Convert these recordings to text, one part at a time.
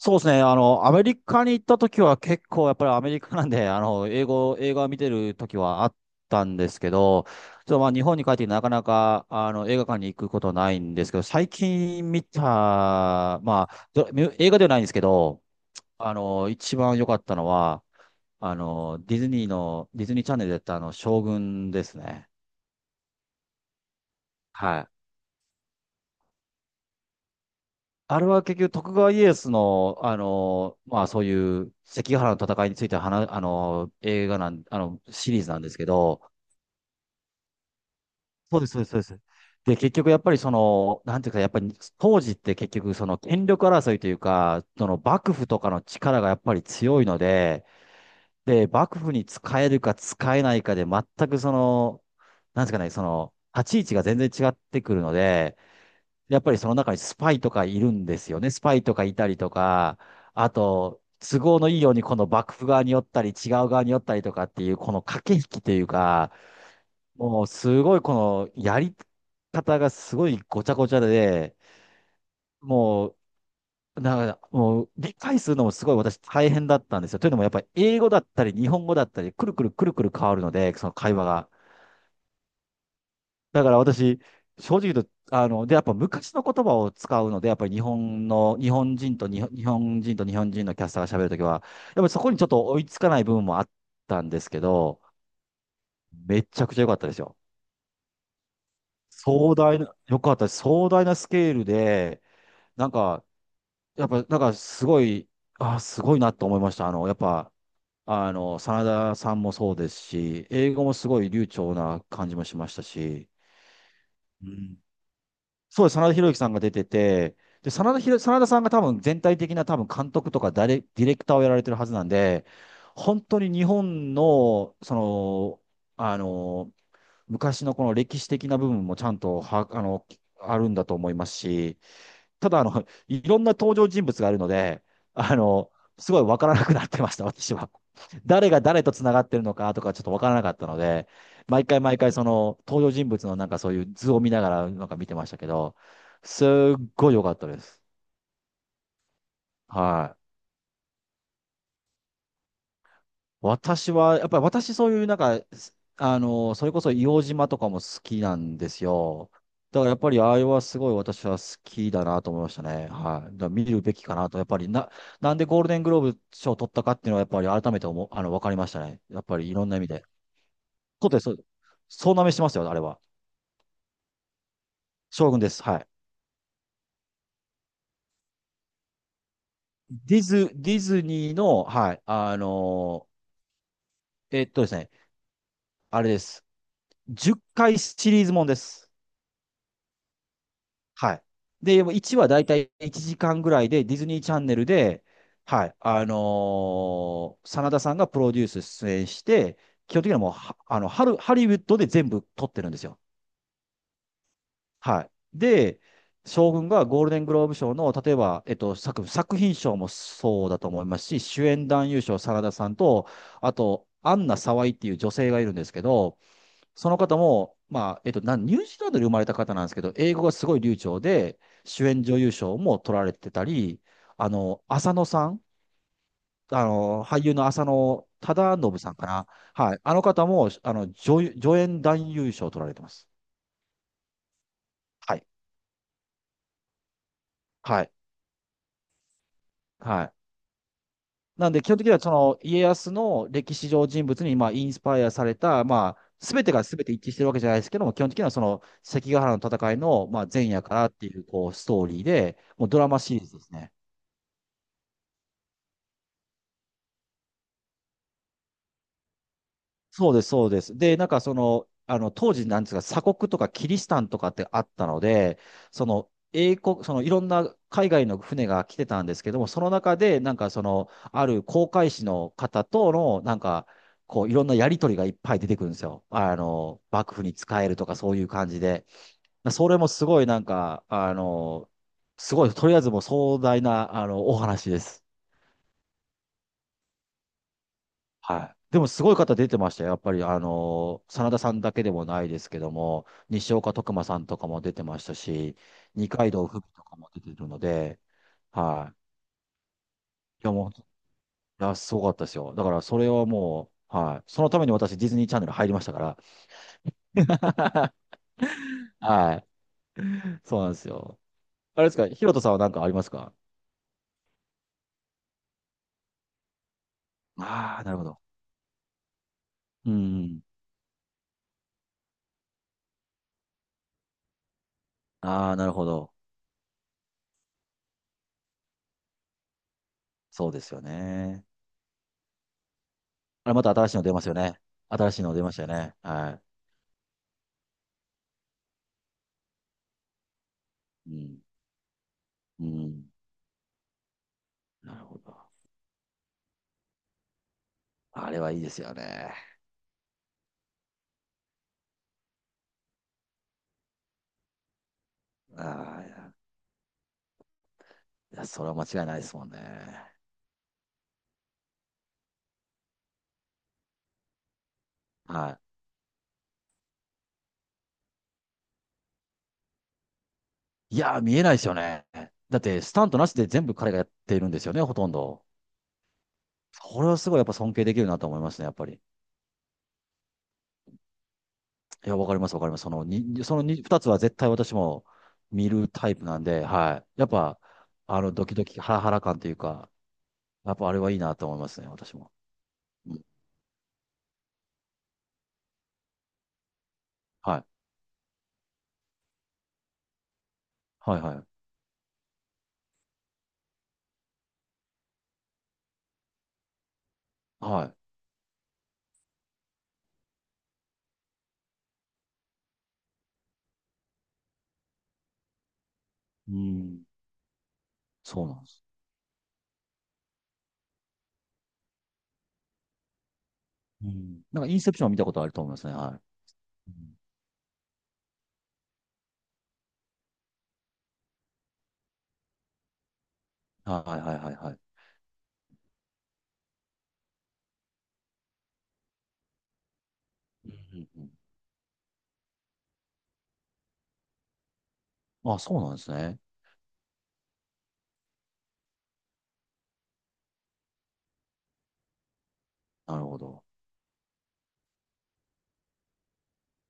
そうですね。アメリカに行った時は結構やっぱりアメリカなんで、英語、映画を見てる時はあったんですけど、ちょっと日本に帰ってきてなかなか、映画館に行くことないんですけど、最近見た、まあ、ど映画ではないんですけど、一番良かったのは、ディズニーチャンネルでやった将軍ですね。はい。あれは結局徳川家康の、そういう関ヶ原の戦いについて話、あの、映画なん、あの、シリーズなんですけど、そうです、そうです、そうです。で、結局やっぱりその、なんていうか、やっぱり当時って結局その権力争いというか、その幕府とかの力がやっぱり強いので、で、幕府に使えるか使えないかで全くその、なんですかね、その、立ち位置が全然違ってくるので、やっぱりその中にスパイとかいるんですよね。スパイとかいたりとか、あと、都合のいいようにこの幕府側に寄ったり、違う側に寄ったりとかっていう、この駆け引きというか、もうすごいこのやり方がすごいごちゃごちゃで、もう、なんか、もう理解するのもすごい私大変だったんですよ。というのもやっぱり英語だったり日本語だったり、くるくるくるくる変わるので、その会話が。だから私、正直言うと、やっぱ昔の言葉を使うので、やっぱり日本人と日本人のキャスターが喋るときは、やっぱりそこにちょっと追いつかない部分もあったんですけど、めちゃくちゃ良かったですよ。壮大な、良かったです。壮大なスケールで、なんか、やっぱ、なんかすごい、あ、すごいなと思いました。あの、やっぱ、あの、真田さんもそうですし、英語もすごい流暢な感じもしましたし、うん、そうです、真田広之さんが出てて、で、真田さんが多分全体的な多分監督とかディレクターをやられてるはずなんで、本当に日本の、その、あの、昔のこの歴史的な部分もちゃんとは、あの、あるんだと思いますし、ただ、いろんな登場人物があるので、あの、すごいわからなくなってました、私は。誰が誰と繋がってるのかとかちょっとわからなかったので、毎回毎回その登場人物のなんかそういう図を見ながらなんか見てましたけど、すっごい良かったです。はい。私は、やっぱり私そういうなんか、すあの、それこそ硫黄島とかも好きなんですよ。だからやっぱりあれはすごい私は好きだなと思いましたね。はい。だから見るべきかなと、やっぱりな、なんでゴールデングローブ賞を取ったかっていうのはやっぱり改めて思う、あの、わかりましたね。やっぱりいろんな意味で。そうです、そうです。総なめしてますよ、あれは。将軍です。はい。ディズニーの、はい、あの、えっとですね、あれです。10回シリーズもんです。はい。で、もう1話だいたい1時間ぐらいで、ディズニーチャンネルで、真田さんがプロデュース出演して、基本的にはもうは、あの、ハル、ハリウッドで全部撮ってるんですよ。はい。で、将軍がゴールデングローブ賞の、例えば、作品賞もそうだと思いますし、主演男優賞、真田さんと、あと、アンナ・沢井っていう女性がいるんですけど、その方も、ニュージーランドで生まれた方なんですけど、英語がすごい流暢で、主演女優賞も取られてたり、あの、浅野さん、あの、俳優の浅野忠信さんかな。はい。あの方も、助演男優賞を取られてます。はい。はい。はい。なんで、基本的には、その、家康の歴史上人物に、まあ、インスパイアされた、まあ、すべてがすべて一致してるわけじゃないですけども、基本的にはその関ヶ原の戦いの、まあ、前夜からっていう、こう、ストーリーで、もうドラマシリーズですね。そうです、そうです。で、当時なんですが、鎖国とかキリシタンとかってあったので、その、英国、そのいろんな海外の船が来てたんですけども、その中で、ある航海士の方との、いろんなやりとりがいっぱい出てくるんですよ。幕府に仕えるとかそういう感じで。それもすごいなんか、あの、すごい、とりあえずもう壮大な、お話です。はい。でもすごい方出てましたよ。やっぱり、真田さんだけでもないですけども、西岡徳馬さんとかも出てましたし、二階堂ふみとかも出てるので、はい。いや、すごかったですよ。だから、それはもう、はい。そのために私、ディズニーチャンネル入りましたから。はい。そうなんですよ。あれですか、ヒロトさんは何かありますか？ああー、なるほど。うん。ああ、なるほど。そうですよね。あれ、また新しいの出ますよね。新しいの出ましたよね。はい。うん。うん。なるほど。あれはいいですよね。ああ、いや、いやそれは間違いないですもんね。はい。いやー、見えないですよね。だって、スタントなしで全部彼がやっているんですよね、ほとんど。これはすごいやっぱ尊敬できるなと思いますね、やっぱり。いや、わかります、わかります。そのにそのに二つは絶対私も見るタイプなんで、はい。やっぱ、ドキドキ、ハラハラ感というか、やっぱあれはいいなと思いますね、私も。うん。はい。はい、はい。はい。うん。そうなんです。うん。なんか、インセプションは見たことあると思いますね、はい。うん、はいはいはいはい。うんうんうん、あ、そうなんですね。なるほど。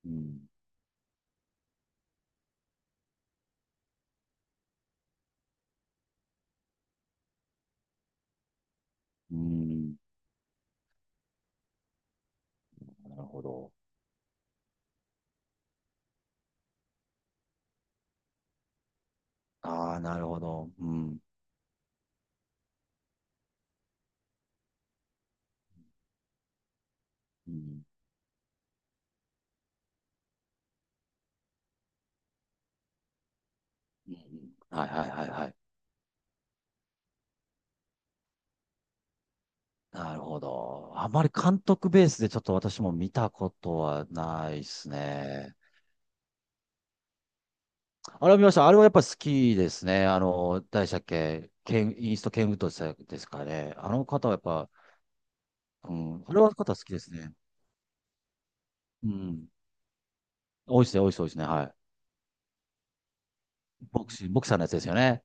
うん。うん。なるほど。ああ、なるほど。うん。うん。うんうん、はいはいはいはい。なるほど。あまり監督ベースでちょっと私も見たことはないですね。あれを見ました。あれはやっぱり好きですね。誰でしたっけ、ケン、イースト・ケンウッドでしたですかね。あの方はやっぱ、うん、あれは方好きですね。うん。多いですね、多いです、多いですね。はい。ボクサーのやつですよね。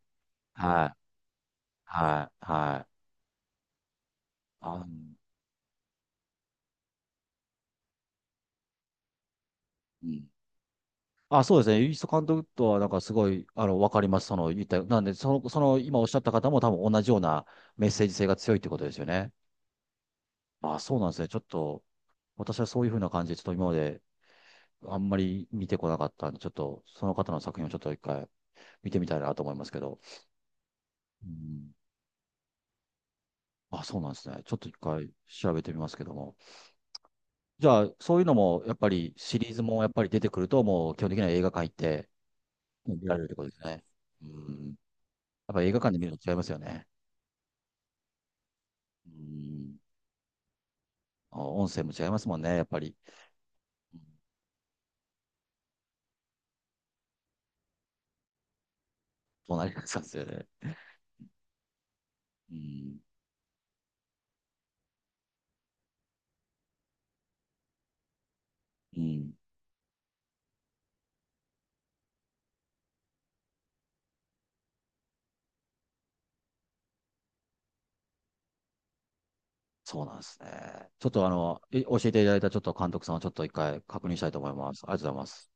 はい。はい、はい。あ、うん。あ、そうですね。イースト監督とは、なんかすごい、あの、わかります。その、言った、なんで、その、その、今おっしゃった方も多分同じようなメッセージ性が強いってことですよね。あ、そうなんですね。ちょっと、私はそういうふうな感じで、ちょっと今まであんまり見てこなかったんで、ちょっと、その方の作品をちょっと一回見てみたいなと思いますけど。うん。あ、そうなんですね。ちょっと一回調べてみますけども。じゃあ、そういうのも、やっぱりシリーズもやっぱり出てくると、もう基本的には映画館行って、見られるってことですね。うん。やっぱり映画館で見るの違いますよね。うん。あ、音声も違いますもんね、やっぱり。うん、そうなりますよね。うん。うん。そうなんですね。ちょっと教えていただいたちょっと監督さんをちょっと一回確認したいと思います。ありがとうございます。